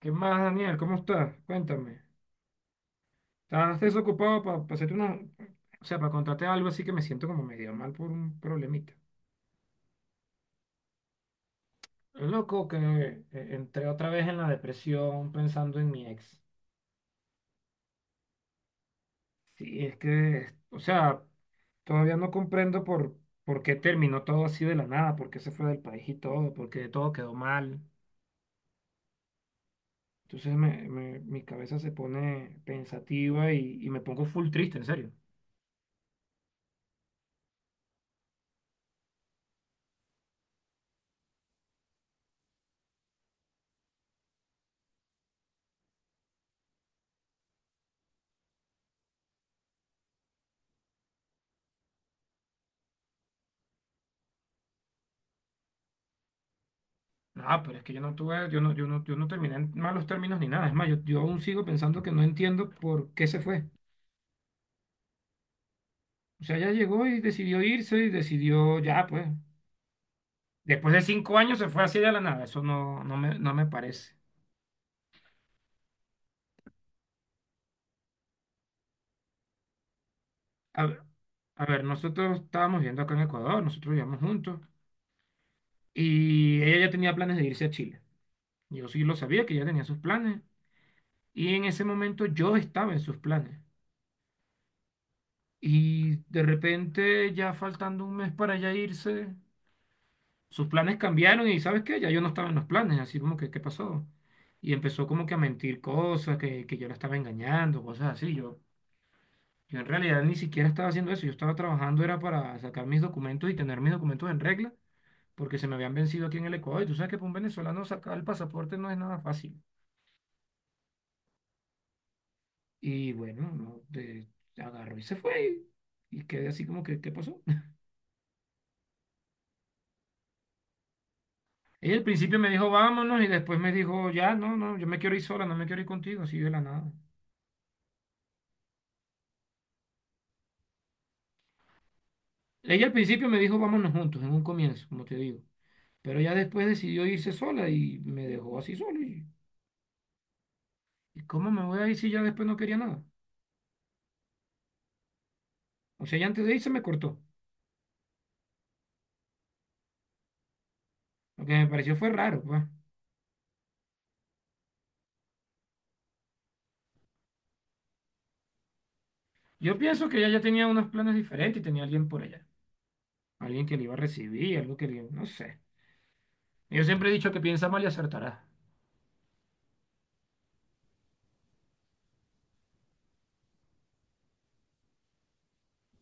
¿Qué más, Daniel? ¿Cómo estás? Cuéntame. ¿Estás desocupado para hacerte una. O sea, para contarte algo así que me siento como medio mal por un problemita. Loco, que entré otra vez en la depresión pensando en mi ex. Sí, es que, o sea, todavía no comprendo por qué terminó todo así de la nada, por qué se fue del país y todo, por qué todo quedó mal. Entonces mi cabeza se pone pensativa y me pongo full triste, en serio. No, pero es que yo no tuve, yo no, yo no, yo no terminé en malos términos ni nada. Es más, yo aún sigo pensando que no entiendo por qué se fue. O sea, ella llegó y decidió irse y decidió ya, pues. Después de 5 años se fue así de la nada. Eso no me parece. A ver, a ver, nosotros estábamos viendo acá en Ecuador, nosotros vivíamos juntos y ella ya tenía planes de irse a Chile. Yo sí lo sabía que ella tenía sus planes y en ese momento yo estaba en sus planes. Y de repente, ya faltando un mes para ya irse. Sus planes cambiaron y, ¿sabes qué? Ya yo no estaba en los planes, así como que, ¿qué pasó? Y empezó como que a mentir cosas, que yo la estaba engañando, cosas así. Yo en realidad ni siquiera estaba haciendo eso, yo estaba trabajando, era para sacar mis documentos y tener mis documentos en regla, porque se me habían vencido aquí en el Ecuador. Y tú sabes que para un venezolano sacar el pasaporte no es nada fácil. Y bueno, no, agarró y se fue. Y quedé así como que, ¿qué pasó? Ella al principio me dijo, vámonos, y después me dijo, ya, no, no, yo me quiero ir sola, no me quiero ir contigo, así de la nada. Ella al principio me dijo vámonos juntos, en un comienzo, como te digo. Pero ya después decidió irse sola y me dejó así solo. ¿Y cómo me voy a ir si ya después no quería nada? O sea, ya antes de irse me cortó. Lo que me pareció fue raro, pues. Yo pienso que ella ya tenía unos planes diferentes y tenía alguien por allá. Alguien que le iba a recibir, algo que le. No sé. Yo siempre he dicho que piensa mal y acertará.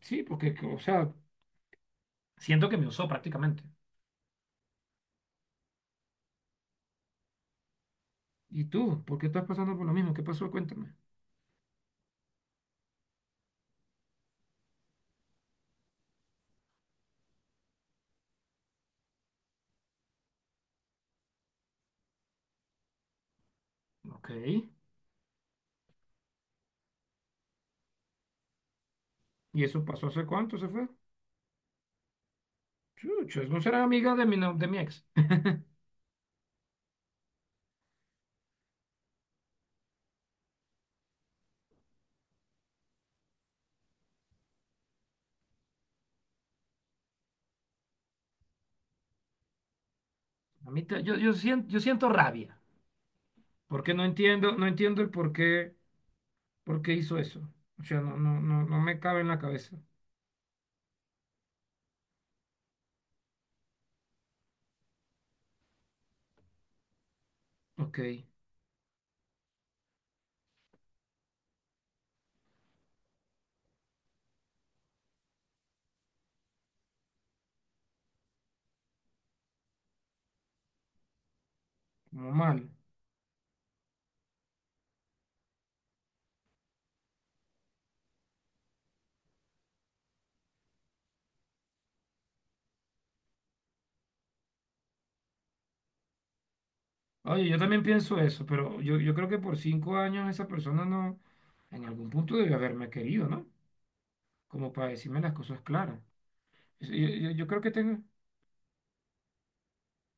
Sí, porque, o sea, siento que me usó prácticamente. ¿Y tú? ¿Por qué estás pasando por lo mismo? ¿Qué pasó? Cuéntame. Ok. ¿Y eso pasó hace cuánto se fue? Chuchos, no será amiga de mi ex. A mí te- yo, yo siento rabia, porque no entiendo el por qué hizo eso. O sea, no, no, no, no me cabe en la cabeza. Ok, como mal. Oye, yo también pienso eso, pero yo creo que por 5 años esa persona no, en algún punto debe haberme querido, ¿no? Como para decirme las cosas claras. Yo creo que tengo,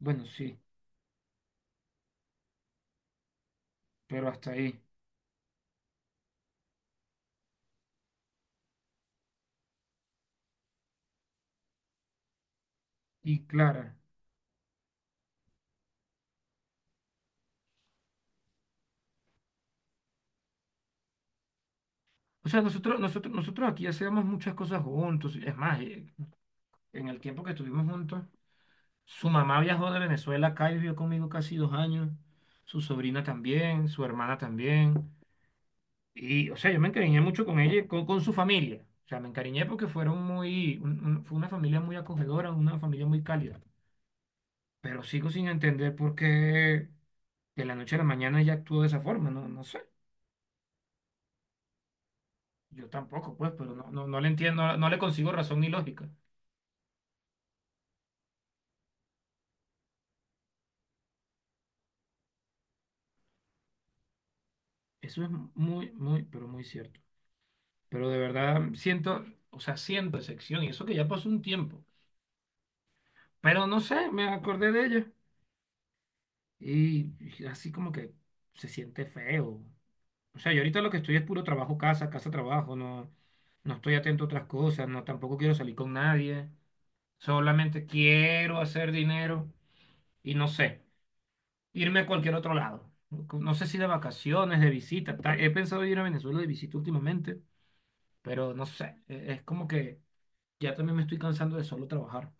bueno, sí, pero hasta ahí. Y clara. O sea, nosotros aquí hacemos muchas cosas juntos. Es más, en el tiempo que estuvimos juntos, su mamá viajó de Venezuela acá y vivió conmigo casi 2 años, su sobrina también, su hermana también, y o sea, yo me encariñé mucho con ella, y con su familia, o sea, me encariñé porque fueron fue una familia muy acogedora, una familia muy cálida, pero sigo sin entender por qué de la noche a la mañana ella actuó de esa forma, no sé, yo tampoco, pues, pero no, no, no le entiendo, no le consigo razón ni lógica. Eso es muy, muy, pero muy cierto. Pero de verdad siento, o sea, siento decepción y eso que ya pasó un tiempo. Pero no sé, me acordé de ella y así como que se siente feo. O sea, yo ahorita lo que estoy es puro trabajo, casa, casa, trabajo, no estoy atento a otras cosas, no, tampoco quiero salir con nadie, solamente quiero hacer dinero y no sé, irme a cualquier otro lado. No sé si de vacaciones, de visita, tal. He pensado ir a Venezuela de visita últimamente, pero no sé, es como que ya también me estoy cansando de solo trabajar.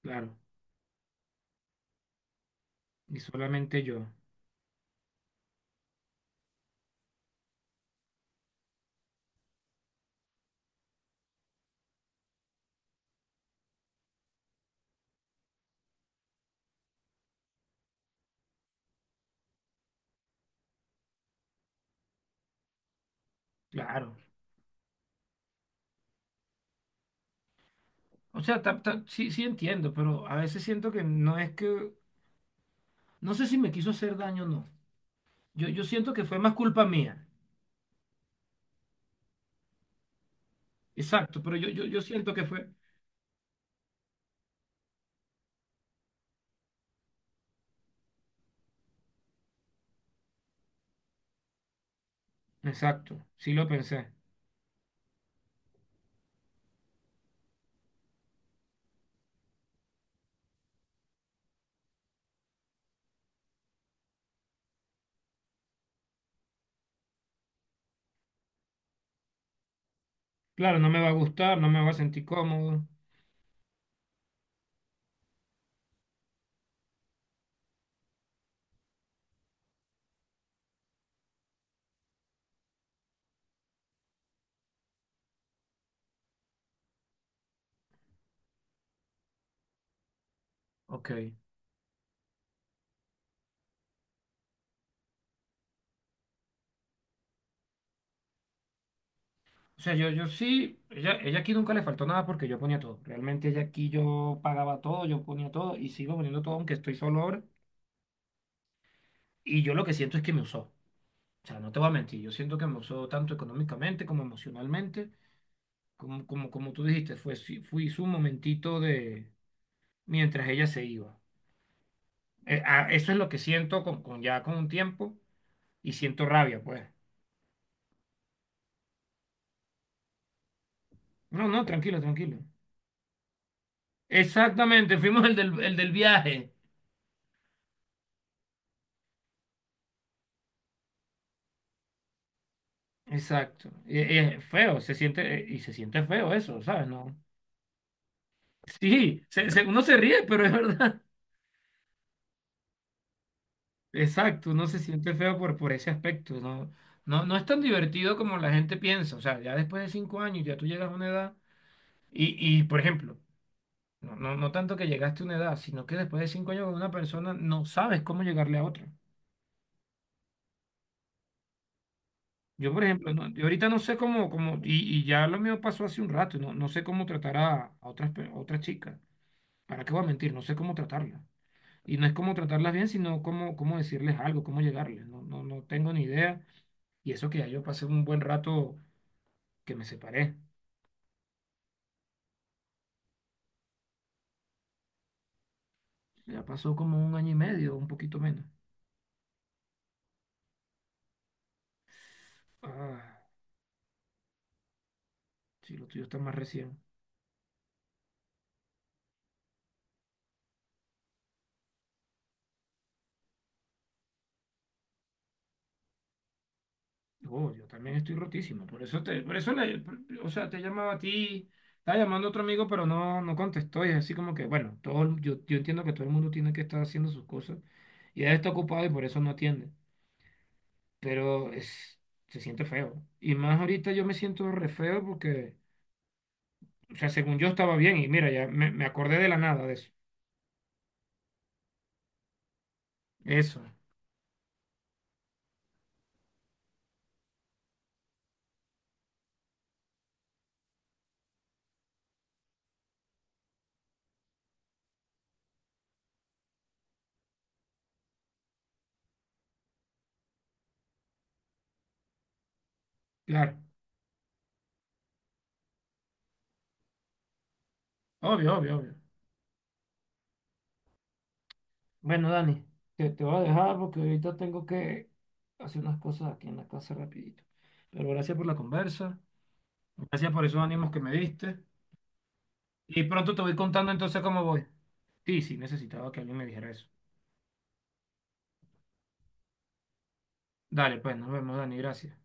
Claro, y solamente yo, claro. O sea, sí entiendo, pero a veces siento que no es que, no sé si me quiso hacer daño o no. Yo siento que fue más culpa mía. Exacto, pero yo siento que fue. Exacto, sí lo pensé. Claro, no me va a gustar, no me va a sentir cómodo. Ok. O sea, yo sí, ella aquí nunca le faltó nada porque yo ponía todo. Realmente ella aquí yo pagaba todo, yo ponía todo y sigo poniendo todo aunque estoy solo ahora. Y yo lo que siento es que me usó. O sea, no te voy a mentir, yo siento que me usó tanto económicamente como emocionalmente, como tú dijiste, fue, sí, fui su momentito de mientras ella se iba. Eso es lo que siento con ya con un tiempo y siento rabia, pues. No, no, tranquilo, tranquilo. Exactamente, fuimos el del viaje. Exacto. Feo, se siente, y se siente feo eso, ¿sabes? No. Sí, uno se ríe, pero es verdad. Exacto, uno se siente feo por ese aspecto, ¿no? No, no es tan divertido como la gente piensa, o sea, ya después de 5 años ya tú llegas a una edad y, y por ejemplo, no tanto que llegaste a una edad, sino que después de 5 años con una persona no sabes cómo llegarle a otra. Yo, por ejemplo, yo ahorita no sé cómo y ya lo mío pasó hace un rato, no sé cómo tratar a otras, a otras chicas. ¿Para qué voy a mentir? No sé cómo tratarlas. Y no es cómo tratarlas bien, sino cómo decirles algo, cómo llegarles. No, no, no tengo ni idea. Y eso que ya yo pasé un buen rato que me separé. Ya pasó como un año y medio, un poquito menos. Ah, sí, lo tuyo está más recién. Oh, yo también estoy rotísimo. Por eso te, por eso le- por- o sea, te llamaba a ti, estaba llamando a otro amigo, pero no contestó. Y es así como que, bueno, yo entiendo que todo el mundo tiene que estar haciendo sus cosas. Y él está ocupado y por eso no atiende. Pero es, se siente feo. Y más ahorita yo me siento re feo porque, o sea, según yo estaba bien. Y mira, ya me acordé de la nada de eso. Eso, claro. Obvio, obvio, obvio. Bueno, Dani, te voy a dejar porque ahorita tengo que hacer unas cosas aquí en la casa rapidito. Pero gracias por la conversa, gracias por esos ánimos que me diste. Y pronto te voy contando entonces cómo voy. Sí, sí, necesitaba que alguien me dijera eso. Dale, pues, nos vemos, Dani, gracias.